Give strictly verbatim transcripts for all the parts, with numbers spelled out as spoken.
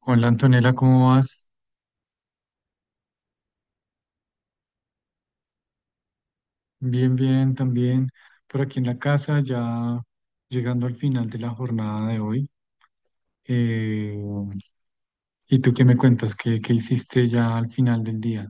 Hola Antonella, ¿cómo vas? Bien, bien, también por aquí en la casa, ya llegando al final de la jornada de hoy. Eh, ¿y tú qué me cuentas? ¿Qué, qué hiciste ya al final del día?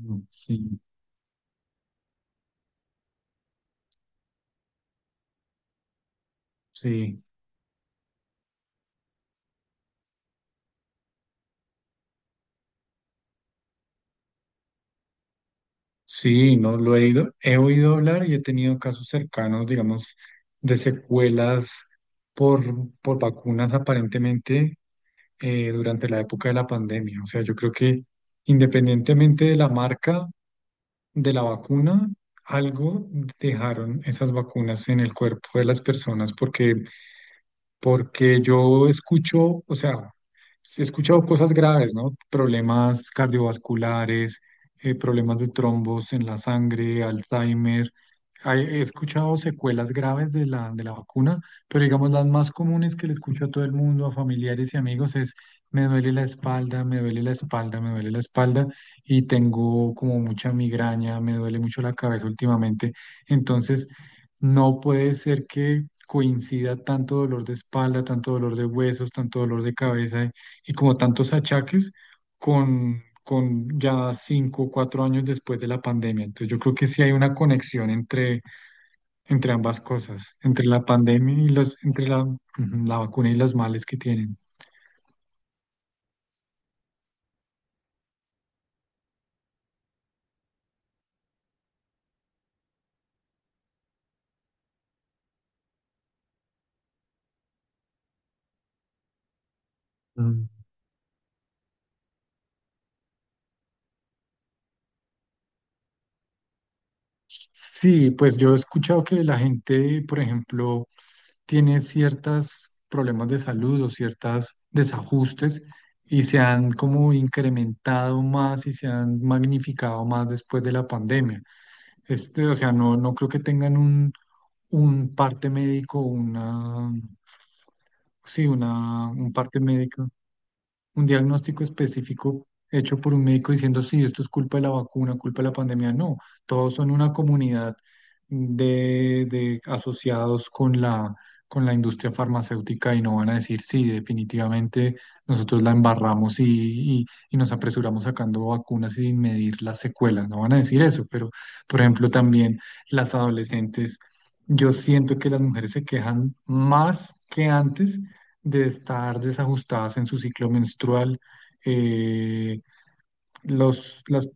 Mm. Sí, sí, sí, no lo he ido, he oído hablar y he tenido casos cercanos, digamos, de secuelas por, por vacunas aparentemente eh, durante la época de la pandemia. O sea, yo creo que independientemente de la marca, de la vacuna, algo dejaron esas vacunas en el cuerpo de las personas porque porque yo escucho, o sea, he escuchado cosas graves, ¿no? Problemas cardiovasculares, eh, problemas de trombos en la sangre, Alzheimer. Hay- He escuchado secuelas graves de la, de la vacuna, pero digamos las más comunes que le escucho a todo el mundo, a familiares y amigos, es me duele la espalda, me duele la espalda, me duele la espalda y tengo como mucha migraña, me duele mucho la cabeza últimamente. Entonces, no puede ser que coincida tanto dolor de espalda, tanto dolor de huesos, tanto dolor de cabeza y como tantos achaques con, con ya cinco o cuatro años después de la pandemia. Entonces yo creo que sí hay una conexión entre, entre ambas cosas, entre la pandemia y los, entre la, ujú, la vacuna y los males que tienen. Mm. Sí, pues yo he escuchado que la gente, por ejemplo, tiene ciertos problemas de salud o ciertos desajustes y se han como incrementado más y se han magnificado más después de la pandemia. Este, o sea, no, no creo que tengan un, un parte médico, una, sí, una, un parte médico, un diagnóstico específico hecho por un médico diciendo: sí, esto es culpa de la vacuna, culpa de la pandemia. No, todos son una comunidad de, de asociados con la, con la industria farmacéutica, y no van a decir: sí, definitivamente nosotros la embarramos y, y, y nos apresuramos sacando vacunas sin medir las secuelas. No van a decir eso, pero, por ejemplo, también las adolescentes. Yo siento que las mujeres se quejan más que antes de estar desajustadas en su ciclo menstrual. eh, los, las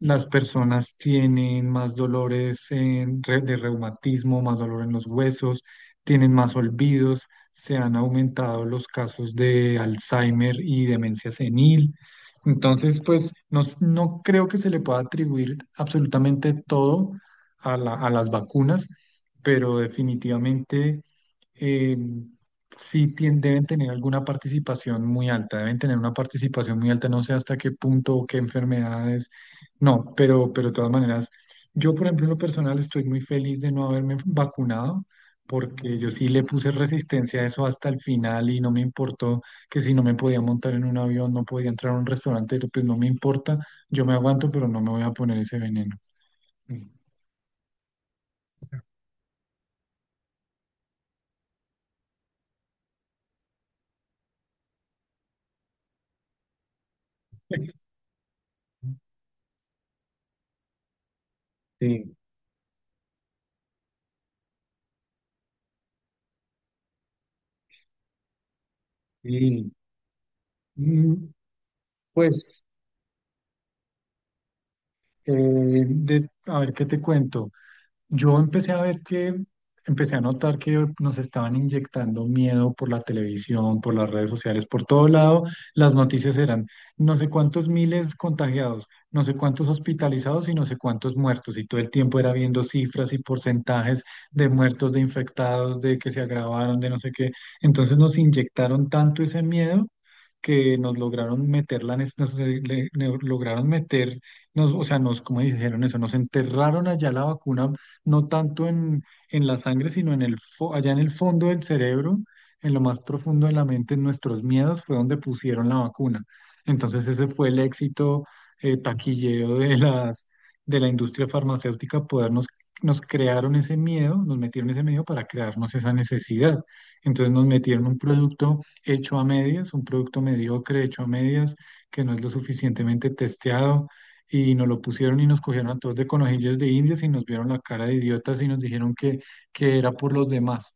las personas tienen más dolores en re- de reumatismo, más dolor en los huesos, tienen más olvidos, se han aumentado los casos de Alzheimer y demencia senil. Entonces, pues no, s- no creo que se le pueda atribuir absolutamente todo a la- a las vacunas, pero definitivamente eh, sí tien- deben tener alguna participación muy alta, deben tener una participación muy alta, no sé hasta qué punto o qué enfermedades no, pero, pero de todas maneras, yo por ejemplo en lo personal estoy muy feliz de no haberme vacunado, porque yo sí le puse resistencia a eso hasta el final y no me importó que si no me podía montar en un avión, no podía entrar a un restaurante, pues no me importa, yo me aguanto, pero no me voy a poner ese veneno. Sí, y mm, pues, eh, de- a ver qué te cuento. Yo empecé a ver que, empecé a notar que nos estaban inyectando miedo por la televisión, por las redes sociales, por todo lado. Las noticias eran: no sé cuántos miles contagiados, no sé cuántos hospitalizados y no sé cuántos muertos. Y todo el tiempo era viendo cifras y porcentajes de muertos, de infectados, de que se agravaron, de no sé qué. Entonces nos inyectaron tanto ese miedo que nos lograron meter la, nes- nos, le- le- le- lograron meter, nos, o sea, nos, como dijeron eso, nos enterraron allá la vacuna, no tanto en, en la sangre, sino en el, fo- allá en el fondo del cerebro, en lo más profundo de la mente, en nuestros miedos, fue donde pusieron la vacuna. Entonces ese fue el éxito, eh, taquillero, de las, de la industria farmacéutica: podernos, nos crearon ese miedo, nos metieron ese miedo para crearnos esa necesidad. Entonces nos metieron un producto hecho a medias, un producto mediocre hecho a medias, que no es lo suficientemente testeado, y nos lo pusieron, y nos cogieron a todos de conejillos de indias, y nos vieron la cara de idiotas, y nos dijeron que, que era por los demás.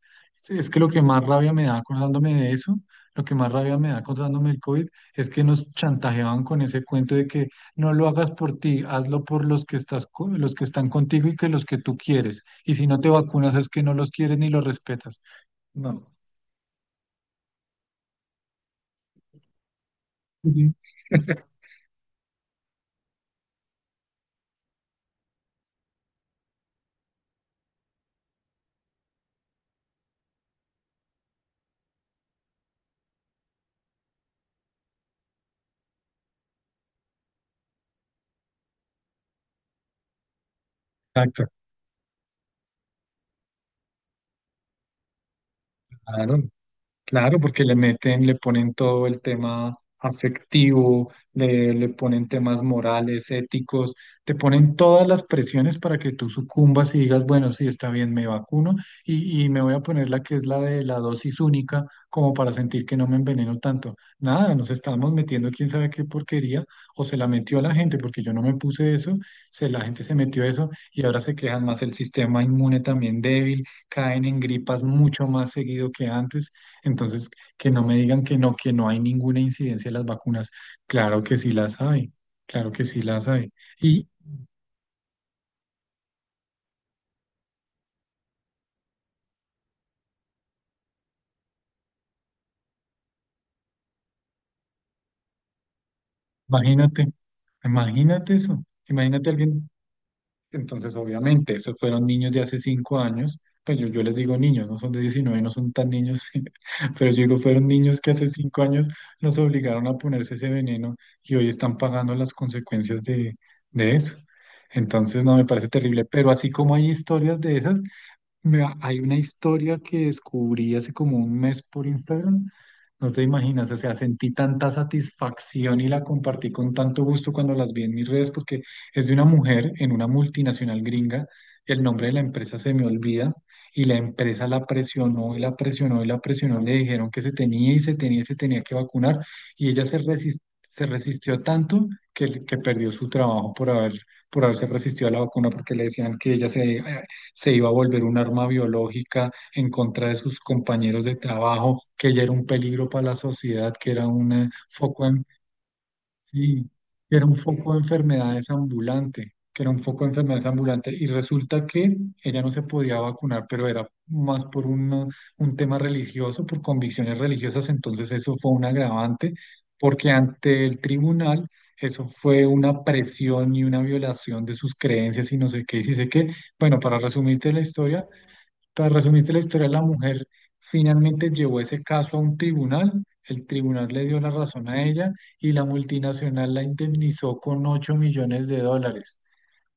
Es que lo que más rabia me da acordándome de eso, lo que más rabia me da acordándome del COVID, es que nos chantajeaban con ese cuento de que no lo hagas por ti, hazlo por los que estás, co- los que están contigo y que los que tú quieres. Y si no te vacunas es que no los quieres ni los respetas. No. Ujú. Exacto. Claro. Claro, porque le meten, le ponen todo el tema afectivo, le, le ponen temas morales, éticos, te ponen todas las presiones para que tú sucumbas y digas: bueno, sí, está bien, me vacuno, y, y me voy a poner la que es la de la dosis única, como para sentir que no me enveneno tanto. Nada, nos estamos metiendo quién sabe qué porquería, o se la metió a la gente, porque yo no me puse eso. Se, la gente se metió eso y ahora se quejan más: el sistema inmune también débil, caen en gripas mucho más seguido que antes. Entonces, que no me digan que no, que no hay ninguna incidencia de las vacunas. Claro que sí las hay, claro que sí las hay. Y imagínate, imagínate eso, imagínate alguien, entonces obviamente, esos fueron niños de hace cinco años, pues yo, yo les digo niños, no son de diecinueve, no son tan niños, pero yo digo, fueron niños que hace cinco años los obligaron a ponerse ese veneno y hoy están pagando las consecuencias de, de eso. Entonces, no, me parece terrible, pero así como hay historias de esas, mira, hay una historia que descubrí hace como un mes por Instagram. No te imaginas, o sea, sentí tanta satisfacción y la compartí con tanto gusto cuando las vi en mis redes, porque es de una mujer en una multinacional gringa. El nombre de la empresa se me olvida, y la empresa la presionó y la presionó y la presionó. Le dijeron que se tenía y se tenía y se tenía que vacunar, y ella se resis- se resistió tanto que, que perdió su trabajo por haber, por haberse resistido a la vacuna, porque le decían que ella se se iba a volver un arma biológica en contra de sus compañeros de trabajo, que ya era un peligro para la sociedad, que era un eh, foco en- Sí, que era un foco de enfermedades ambulante, que era un foco de enfermedades ambulante. Y resulta que ella no se podía vacunar, pero era más por una- un tema religioso, por convicciones religiosas. Entonces eso fue un agravante, porque ante el tribunal eso fue una presión y una violación de sus creencias y no sé qué, y sí sé qué. Bueno, para resumirte la historia, para resumirte la historia, la mujer finalmente llevó ese caso a un tribunal, el tribunal le dio la razón a ella, y la multinacional la indemnizó con ocho millones de dólares.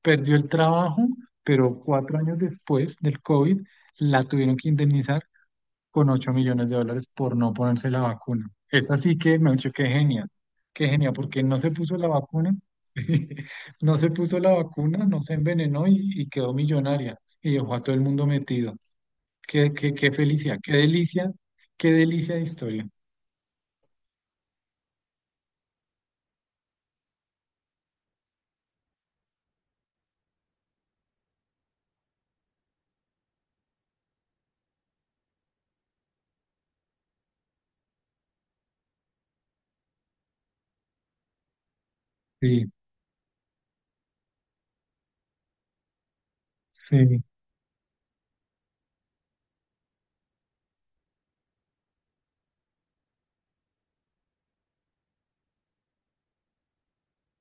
Perdió el trabajo, pero cuatro años después del COVID la tuvieron que indemnizar con ocho millones de dólares por no ponerse la vacuna. Es así que, me han dicho, qué genial, qué genial, porque no se puso la vacuna, no se puso la vacuna, no se envenenó y, y quedó millonaria y dejó a todo el mundo metido. Qué, qué, qué felicidad, qué delicia, qué delicia de historia. Sí, sí,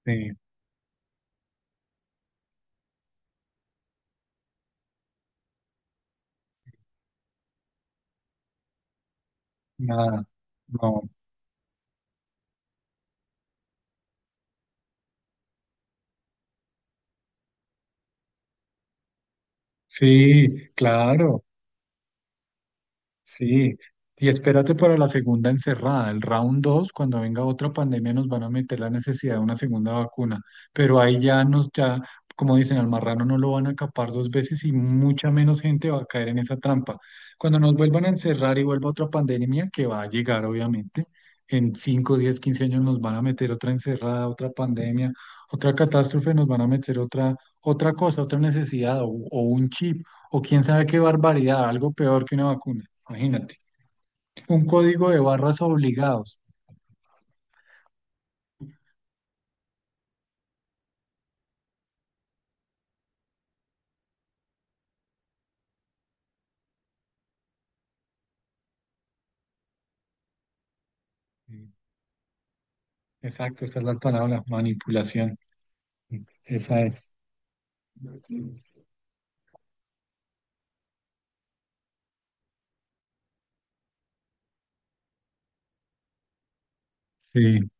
sí, nada, no. Sí, claro. Sí, y espérate para la segunda encerrada, el round dos, cuando venga otra pandemia nos van a meter la necesidad de una segunda vacuna, pero ahí ya nos, ya, como dicen, al marrano no lo van a capar dos veces y mucha menos gente va a caer en esa trampa. Cuando nos vuelvan a encerrar y vuelva otra pandemia, que va a llegar obviamente, en cinco, diez, quince años nos van a meter otra encerrada, otra pandemia, otra catástrofe, nos van a meter otra, otra cosa, otra necesidad, o o un chip o quién sabe qué barbaridad, algo peor que una vacuna. Imagínate. Un código de barras obligados. Sí. Exacto, esa es la palabra, manipulación. Esa es. Sí,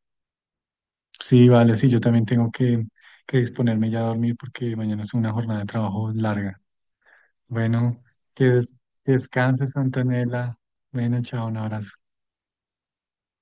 sí, vale, sí, yo también tengo que, que disponerme ya a dormir porque mañana es una jornada de trabajo larga. Bueno, que, des- que descanses, Antonella. Bueno, chao, un abrazo.